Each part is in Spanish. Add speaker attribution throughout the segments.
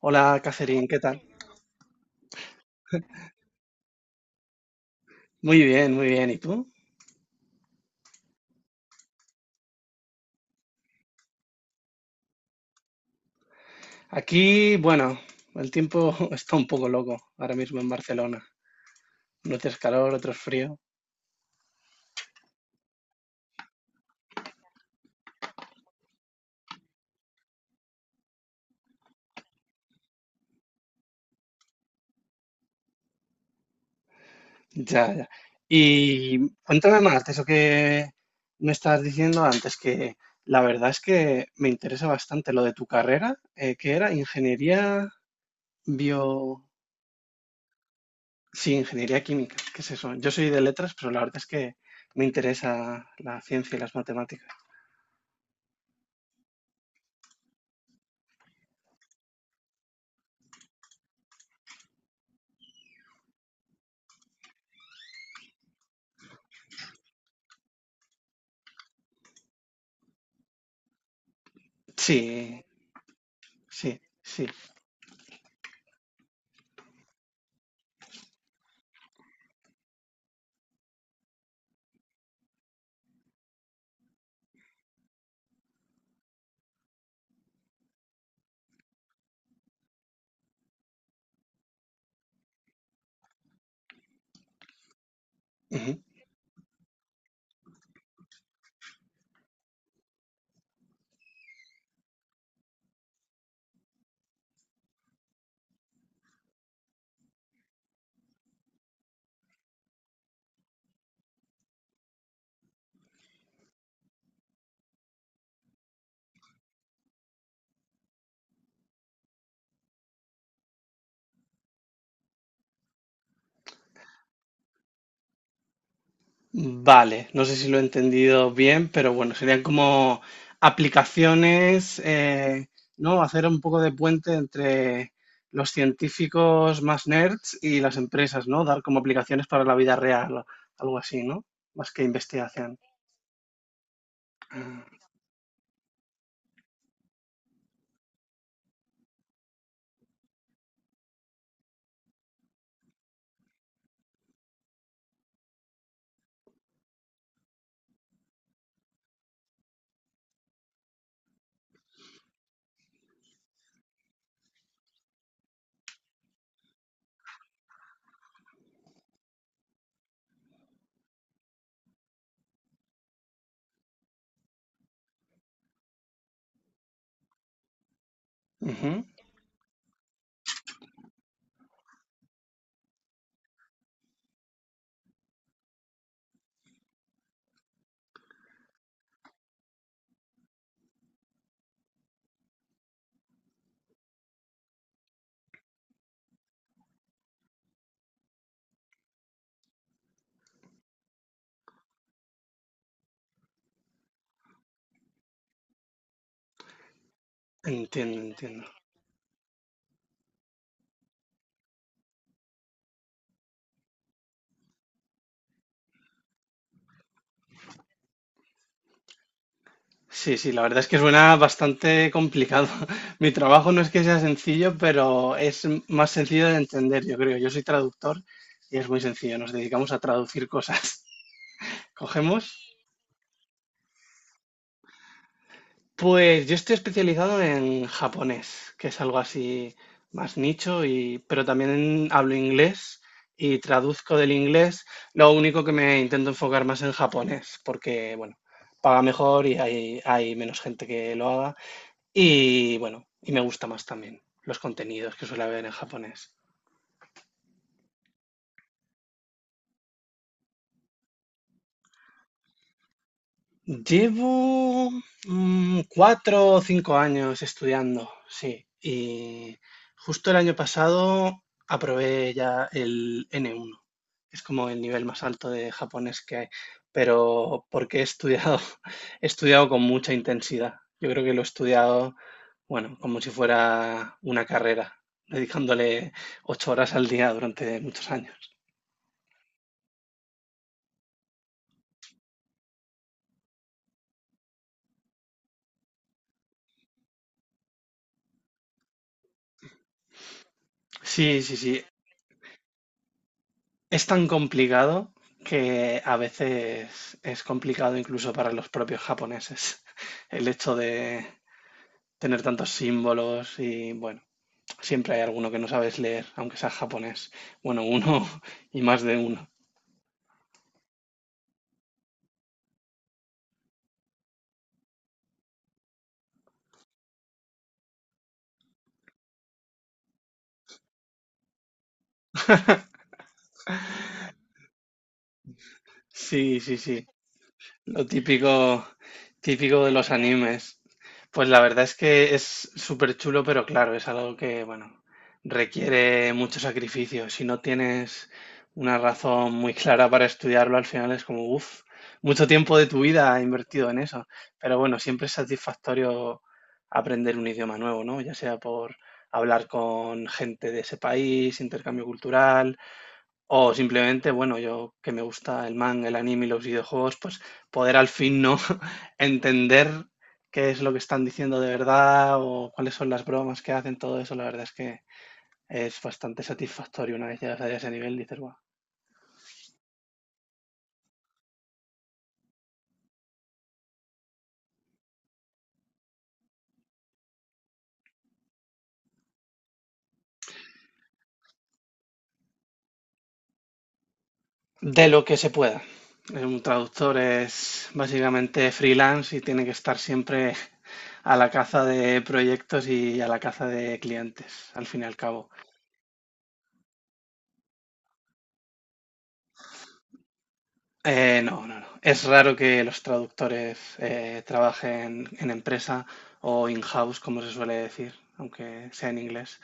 Speaker 1: Hola, Catherine, ¿qué tal? Muy bien, muy bien. ¿Y tú? Aquí, bueno, el tiempo está un poco loco ahora mismo en Barcelona. Unos días calor, otros frío. Ya, ya. Y cuéntame más de eso que me estabas diciendo antes, que la verdad es que me interesa bastante lo de tu carrera, que era ingeniería bio... Sí, ingeniería química. ¿Qué es eso? Yo soy de letras, pero la verdad es que me interesa la ciencia y las matemáticas. Sí, sí, sí. Vale, no sé si lo he entendido bien, pero bueno, serían como aplicaciones, ¿no? Hacer un poco de puente entre los científicos más nerds y las empresas, ¿no? Dar como aplicaciones para la vida real, o algo así, ¿no? Más que investigación. Ah, ujú. Entiendo, entiendo. Sí, sí, la verdad es que suena bastante complicado. Mi trabajo no es que sea sencillo, pero es más sencillo de entender, yo creo. Yo soy traductor y es muy sencillo. Nos dedicamos a traducir cosas. Cogemos. Pues yo estoy especializado en japonés, que es algo así más nicho, y, pero también hablo inglés y traduzco del inglés. Lo único que me intento enfocar más en japonés, porque, bueno, paga mejor y hay menos gente que lo haga. Y, bueno, y me gusta más también los contenidos que suele haber en japonés. Llevo 4 o 5 años estudiando, sí. Y justo el año pasado aprobé ya el N1, que es como el nivel más alto de japonés que hay. Pero porque he estudiado, he estudiado con mucha intensidad. Yo creo que lo he estudiado, bueno, como si fuera una carrera, dedicándole 8 horas al día durante muchos años. Sí, sí, sí. Es tan complicado que a veces es complicado incluso para los propios japoneses el hecho de tener tantos símbolos y bueno, siempre hay alguno que no sabes leer, aunque sea japonés. Bueno, uno y más de uno. Sí, sí, sí. Lo típico, típico de los animes. Pues la verdad es que es súper chulo, pero claro, es algo que, bueno, requiere mucho sacrificio. Si no tienes una razón muy clara para estudiarlo, al final es como, uff, mucho tiempo de tu vida invertido en eso. Pero bueno, siempre es satisfactorio aprender un idioma nuevo, ¿no? Ya sea por hablar con gente de ese país, intercambio cultural, o simplemente, bueno, yo que me gusta el manga, el anime y los videojuegos, pues poder al fin no entender qué es lo que están diciendo de verdad o cuáles son las bromas que hacen, todo eso, la verdad es que es bastante satisfactorio una vez llegas a ese nivel, dices, wow, de lo que se pueda. Un traductor es básicamente freelance y tiene que estar siempre a la caza de proyectos y a la caza de clientes, al fin y al cabo. No, no, no. Es raro que los traductores trabajen en empresa o in-house, como se suele decir, aunque sea en inglés,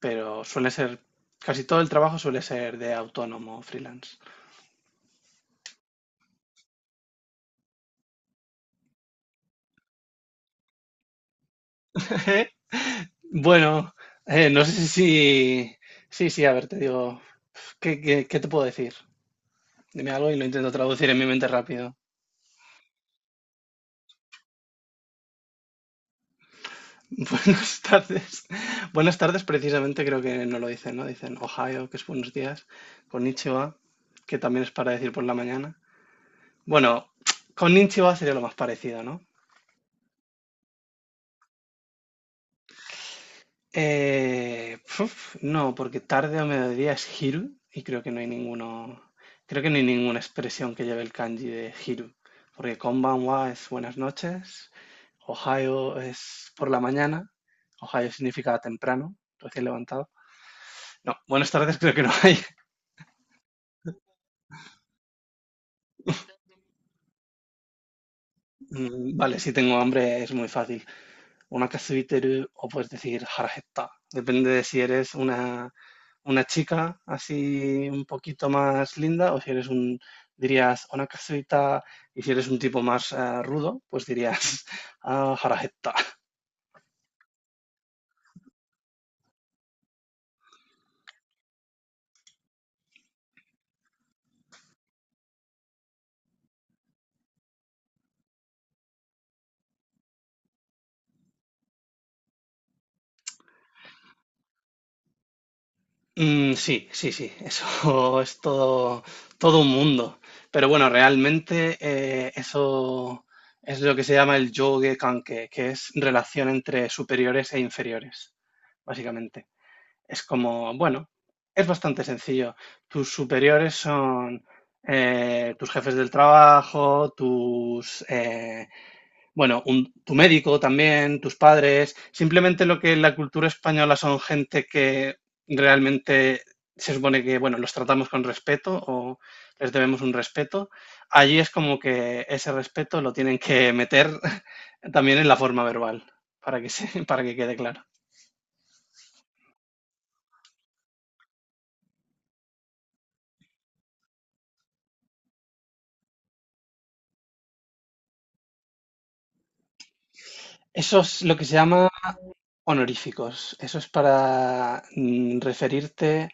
Speaker 1: pero suele ser, casi todo el trabajo suele ser de autónomo, freelance. Bueno, no sé si, sí, sí, a ver, te digo, ¿qué te puedo decir? Dime algo y lo intento traducir en mi mente rápido. Buenas tardes. Buenas tardes, precisamente creo que no lo dicen, ¿no? Dicen Ohio, que es buenos días. Konnichiwa, que también es para decir por la mañana. Bueno, konnichiwa sería lo más parecido, ¿no? No, porque tarde o mediodía es hiru y creo que no hay ninguno, creo que no hay ninguna expresión que lleve el kanji de hiru, porque konbanwa es buenas noches, Ohio es por la mañana, Ohio significa temprano, recién levantado. No, buenas tardes creo que no hay. Vale, si tengo hambre es muy fácil. Una Onakasuiteru o puedes decir harajetta. Depende de si eres una chica así un poquito más linda o si eres un, dirías una onakasuita y si eres un tipo más rudo, pues dirías harajetta. Sí, sí, sí, eso es todo, todo un mundo. Pero bueno, realmente eso es lo que se llama el yogue kanke, que es relación entre superiores e inferiores, básicamente. Es como, bueno, es bastante sencillo. Tus superiores son tus jefes del trabajo, bueno, tu médico también, tus padres, simplemente lo que en la cultura española son gente que realmente se supone que, bueno, los tratamos con respeto o les debemos un respeto. Allí es como que ese respeto lo tienen que meter también en la forma verbal, para que se, para que quede claro. Eso es lo que se llama honoríficos. Eso es para referirte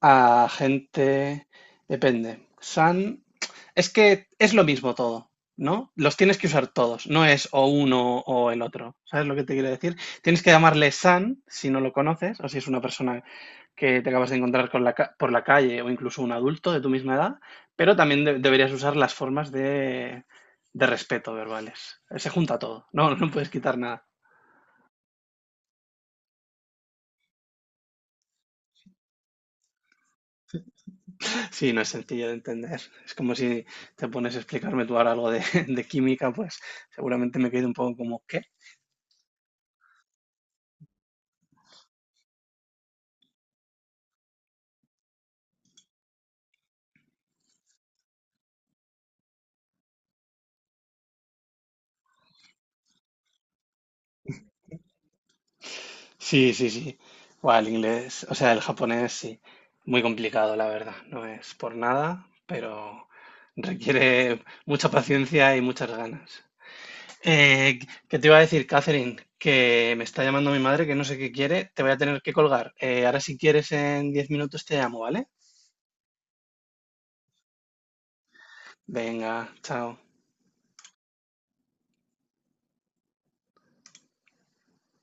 Speaker 1: a gente, depende. San, es que es lo mismo todo, ¿no? Los tienes que usar todos, no es o uno o el otro. ¿Sabes lo que te quiero decir? Tienes que llamarle San si no lo conoces o si es una persona que te acabas de encontrar con la por la calle o incluso un adulto de tu misma edad, pero también deberías usar las formas de respeto verbales. Se junta todo, no, no puedes quitar nada. Sí, no es sencillo de entender. Es como si te pones a explicarme tú ahora algo de, de química, pues seguramente me quedo un poco como, ¿qué? Sí, sí, sí. Buah, el inglés, o sea, el japonés sí. Muy complicado, la verdad. No es por nada, pero requiere mucha paciencia y muchas ganas. Eh, ¿Qué te iba a decir, Catherine? Que me está llamando mi madre, que no sé qué quiere. Te voy a tener que colgar. Ahora si quieres en 10 minutos te llamo, ¿vale? Venga, chao.